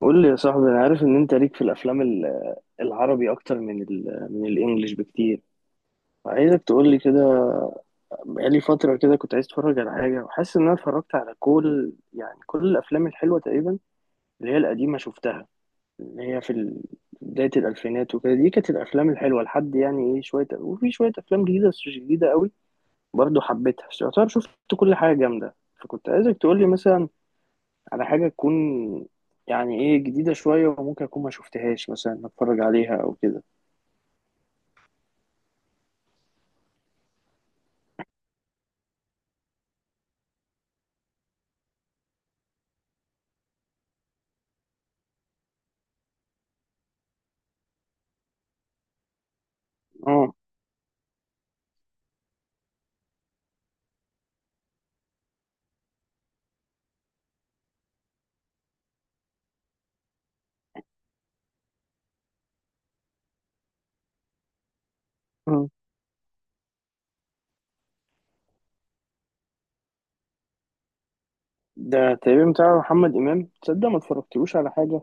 قول لي يا صاحبي، انا عارف ان انت ليك في الافلام العربي اكتر من الانجليش بكتير. عايزك تقول لي كده. بقالي فتره كده كنت عايز اتفرج على حاجه وحاسس ان اتفرجت على كل كل الافلام الحلوه تقريبا، اللي هي القديمه شفتها، اللي هي في بدايه الالفينات وكده. دي كانت الافلام الحلوه لحد يعني ايه شويه، وفي شويه افلام جديده بس مش جديده قوي برضه حبيتها، بس يعتبر شفت كل حاجه جامده. فكنت عايزك تقول لي مثلا على حاجة تكون يعني ايه جديدة شوية وممكن أكون ما شفتهاش، مثلا أتفرج عليها أو كده. اه، آه. ده تقريبا بتاع محمد إمام، تصدق ما اتفرجتلوش على حاجة.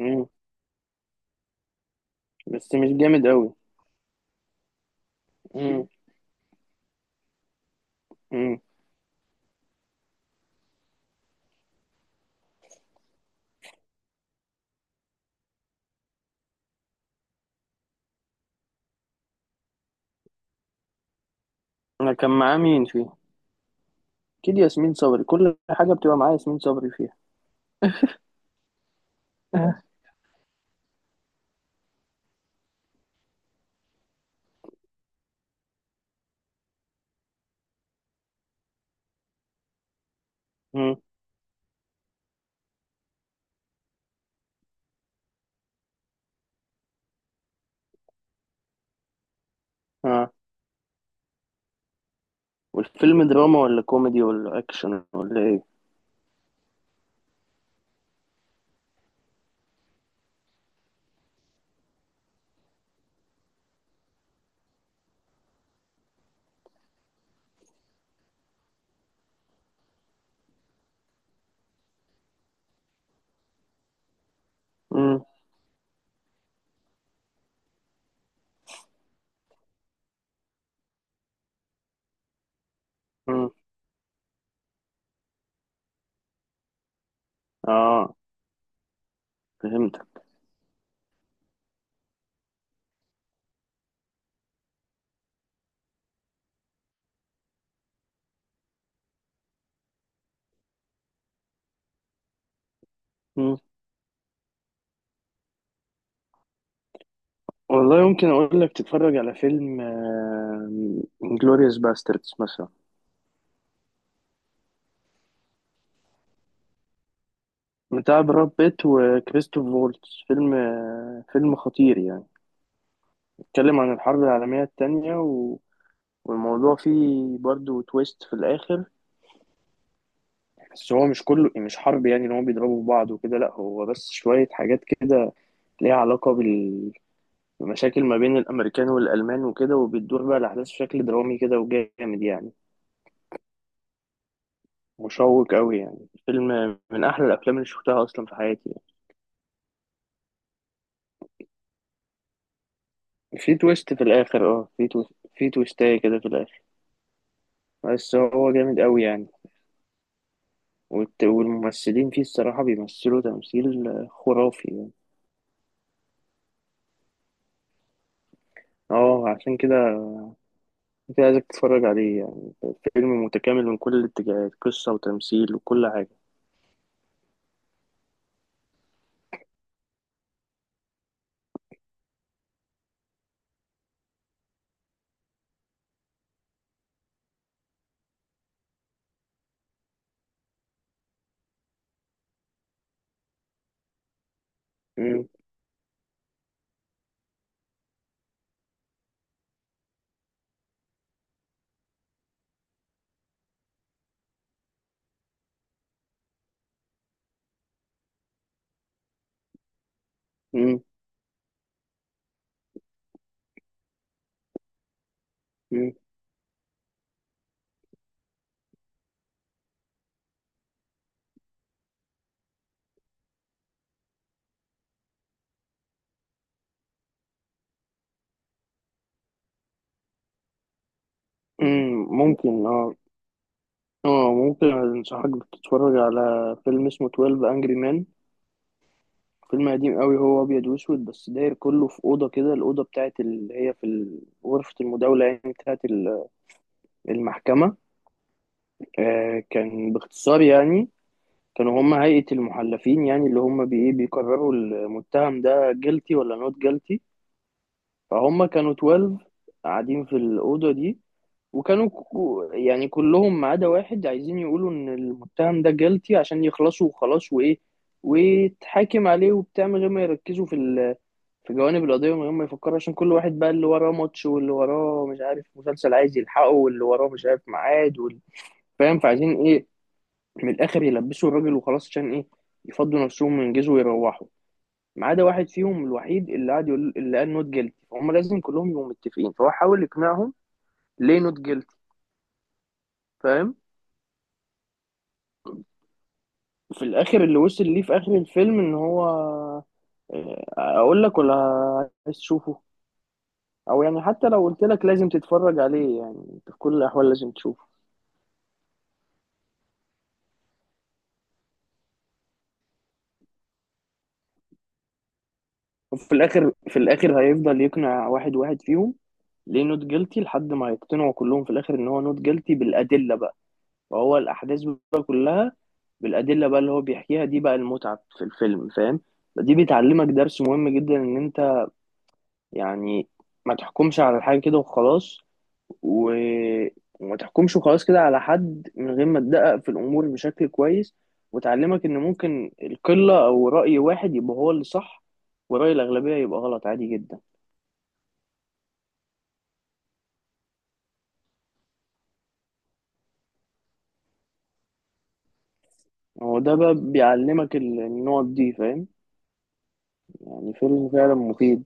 مم. بس مش جامد أوي. مم. مم. أنا كان معاه مين فيه؟ أكيد ياسمين صبري، كل حاجة بتبقى معايا ياسمين صبري فيها. آه. مم. اه، والفيلم دراما ولا كوميدي ولا أكشن ولا ايه؟ مم. مم. اه، فهمتك. والله يمكن اقول لك تتفرج على فيلم انجلوريوس باستردز مثلا. بتاع براد بيت وكريستوف فولتز. فيلم فيلم خطير يعني. بيتكلم عن الحرب العالمية التانية والموضوع فيه برضو تويست في الآخر، بس هو مش كله مش حرب، يعني ان هو بيضربوا في بعض وكده، لا هو بس شوية حاجات كده ليها علاقة بمشاكل ما بين الأمريكان والألمان وكده، وبتدور بقى الأحداث بشكل درامي كده وجامد يعني. مشوق قوي يعني، فيلم من احلى الافلام اللي شفتها اصلا في حياتي يعني. في تويست في الاخر، اه في تويست في تويستاية كده في الاخر، بس هو جامد قوي يعني. والممثلين فيه الصراحة بيمثلوا تمثيل خرافي يعني. اه، عشان كده انت عايزك تتفرج عليه يعني. فيلم متكامل من كل الاتجاهات، قصة وتمثيل وكل حاجة. مم. مم. مم. مم. ممكن اه. اه ممكن انصحك تتفرج على فيلم اسمه 12 Angry Men. فيلم قديم قوي، هو ابيض واسود، بس داير كله في اوضه كده، الاوضه بتاعت اللي هي في غرفه المداوله يعني بتاعت المحكمه. آه، كان باختصار يعني كانوا هم هيئه المحلفين، يعني اللي هم بي إيه بيقرروا المتهم ده جيلتي ولا نوت جيلتي. فهم كانوا 12 قاعدين في الاوضه دي، وكانوا يعني كلهم ما عدا واحد عايزين يقولوا ان المتهم ده جيلتي عشان يخلصوا وخلاص، وايه ويتحاكم عليه وبتاع، من غير ما يركزوا في في جوانب القضيه، من غير ما يفكروا، عشان كل واحد بقى اللي وراه ماتش واللي وراه مش عارف مسلسل عايز يلحقه واللي وراه مش عارف ميعاد فاهم، فعايزين ايه، من الاخر يلبسوا الراجل وخلاص، عشان ايه يفضوا نفسهم وينجزوا ويروحوا. ما عدا واحد فيهم الوحيد اللي قعد يقول، اللي قال نوت جيلتي، فهم لازم كلهم يبقوا متفقين، فهو حاول يقنعهم ليه نوت جيلتي، فاهم. في الاخر اللي وصل ليه في اخر الفيلم ان هو آه، اقول لك ولا عايز تشوفه؟ او يعني حتى لو قلت لك لازم تتفرج عليه يعني، انت في كل الاحوال لازم تشوفه. وفي الاخر، في الاخر هيفضل يقنع واحد واحد فيهم ليه نوت جيلتي، لحد ما يقتنعوا كلهم في الاخر ان هو نوت جيلتي بالادله بقى. وهو الاحداث بقى كلها بالادله بقى اللي هو بيحكيها، دي بقى المتعه في الفيلم، فاهم. دي بتعلمك درس مهم جدا، ان انت يعني ما تحكمش على الحاجه كده وخلاص، و... وما تحكمش وخلاص كده على حد من غير ما تدقق في الأمور بشكل كويس. وتعلمك إن ممكن القلة أو رأي واحد يبقى هو اللي صح، ورأي الأغلبية يبقى غلط عادي جدا. هو ده بقى بيعلمك النقط دي، فاهم. يعني فيلم فعلا مفيد.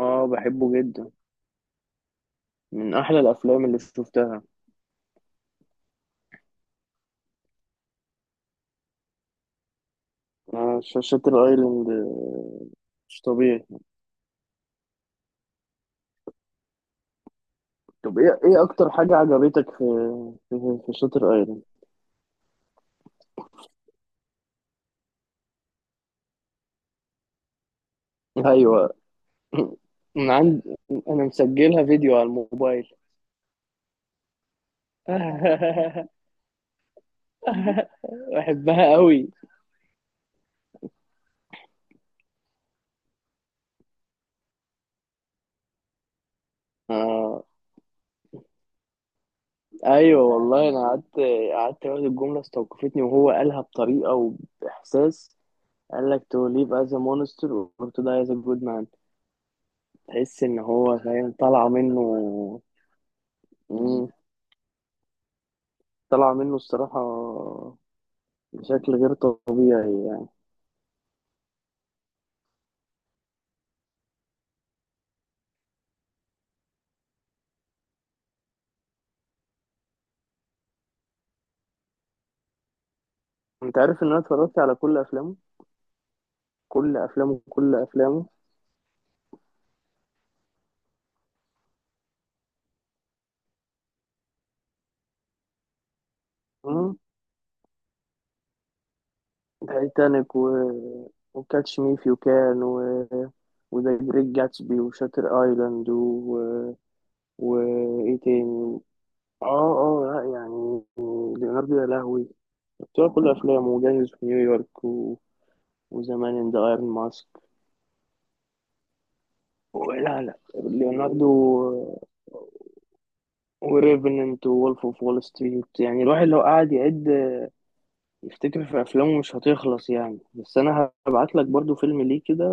اه بحبه جدا، من أحلى الأفلام اللي شفتها. آه، شاتر أيلاند، آه، مش طبيعي. طب ايه، ايه اكتر حاجة عجبتك في في شاتر ايلاند؟ ايوه. انا عند، انا مسجلها فيديو على الموبايل. بحبها قوي. آه. ايوه والله، انا قعدت قعدت اقول الجمله استوقفتني، وهو قالها بطريقه وباحساس. قال لك to live as a monster or to die as a good man. تحس ان هو فاهم طالعه منه. مم. طالعه منه الصراحه، بشكل غير طبيعي يعني. انت عارف ان انا اتفرجت على كل افلامه. كل افلامه. تايتانيك وكاتش مي فيو كان وذا جريت جاتسبي وشاتر ايلاند وايه تاني؟ اه اه لا يعني، ليوناردو يا لهوي، بتوع كل افلامه. وجاهز في نيويورك وزمان ان ذا ايرون ماسك. لا لا، ليوناردو وريفننت وولف اوف وول ستريت، يعني الواحد لو قعد يعد يفتكر في افلامه مش هتخلص يعني. بس انا هبعت لك برضو فيلم ليه كده،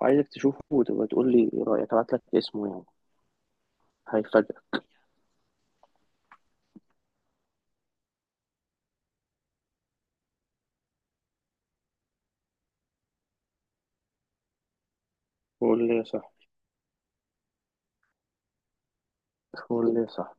وعايزك تشوفه وتبقى تقول لي إيه رأيك. أبعت لك اسمه يعني. هيفاجئك. قول لي يا صاحبي، قول لي صح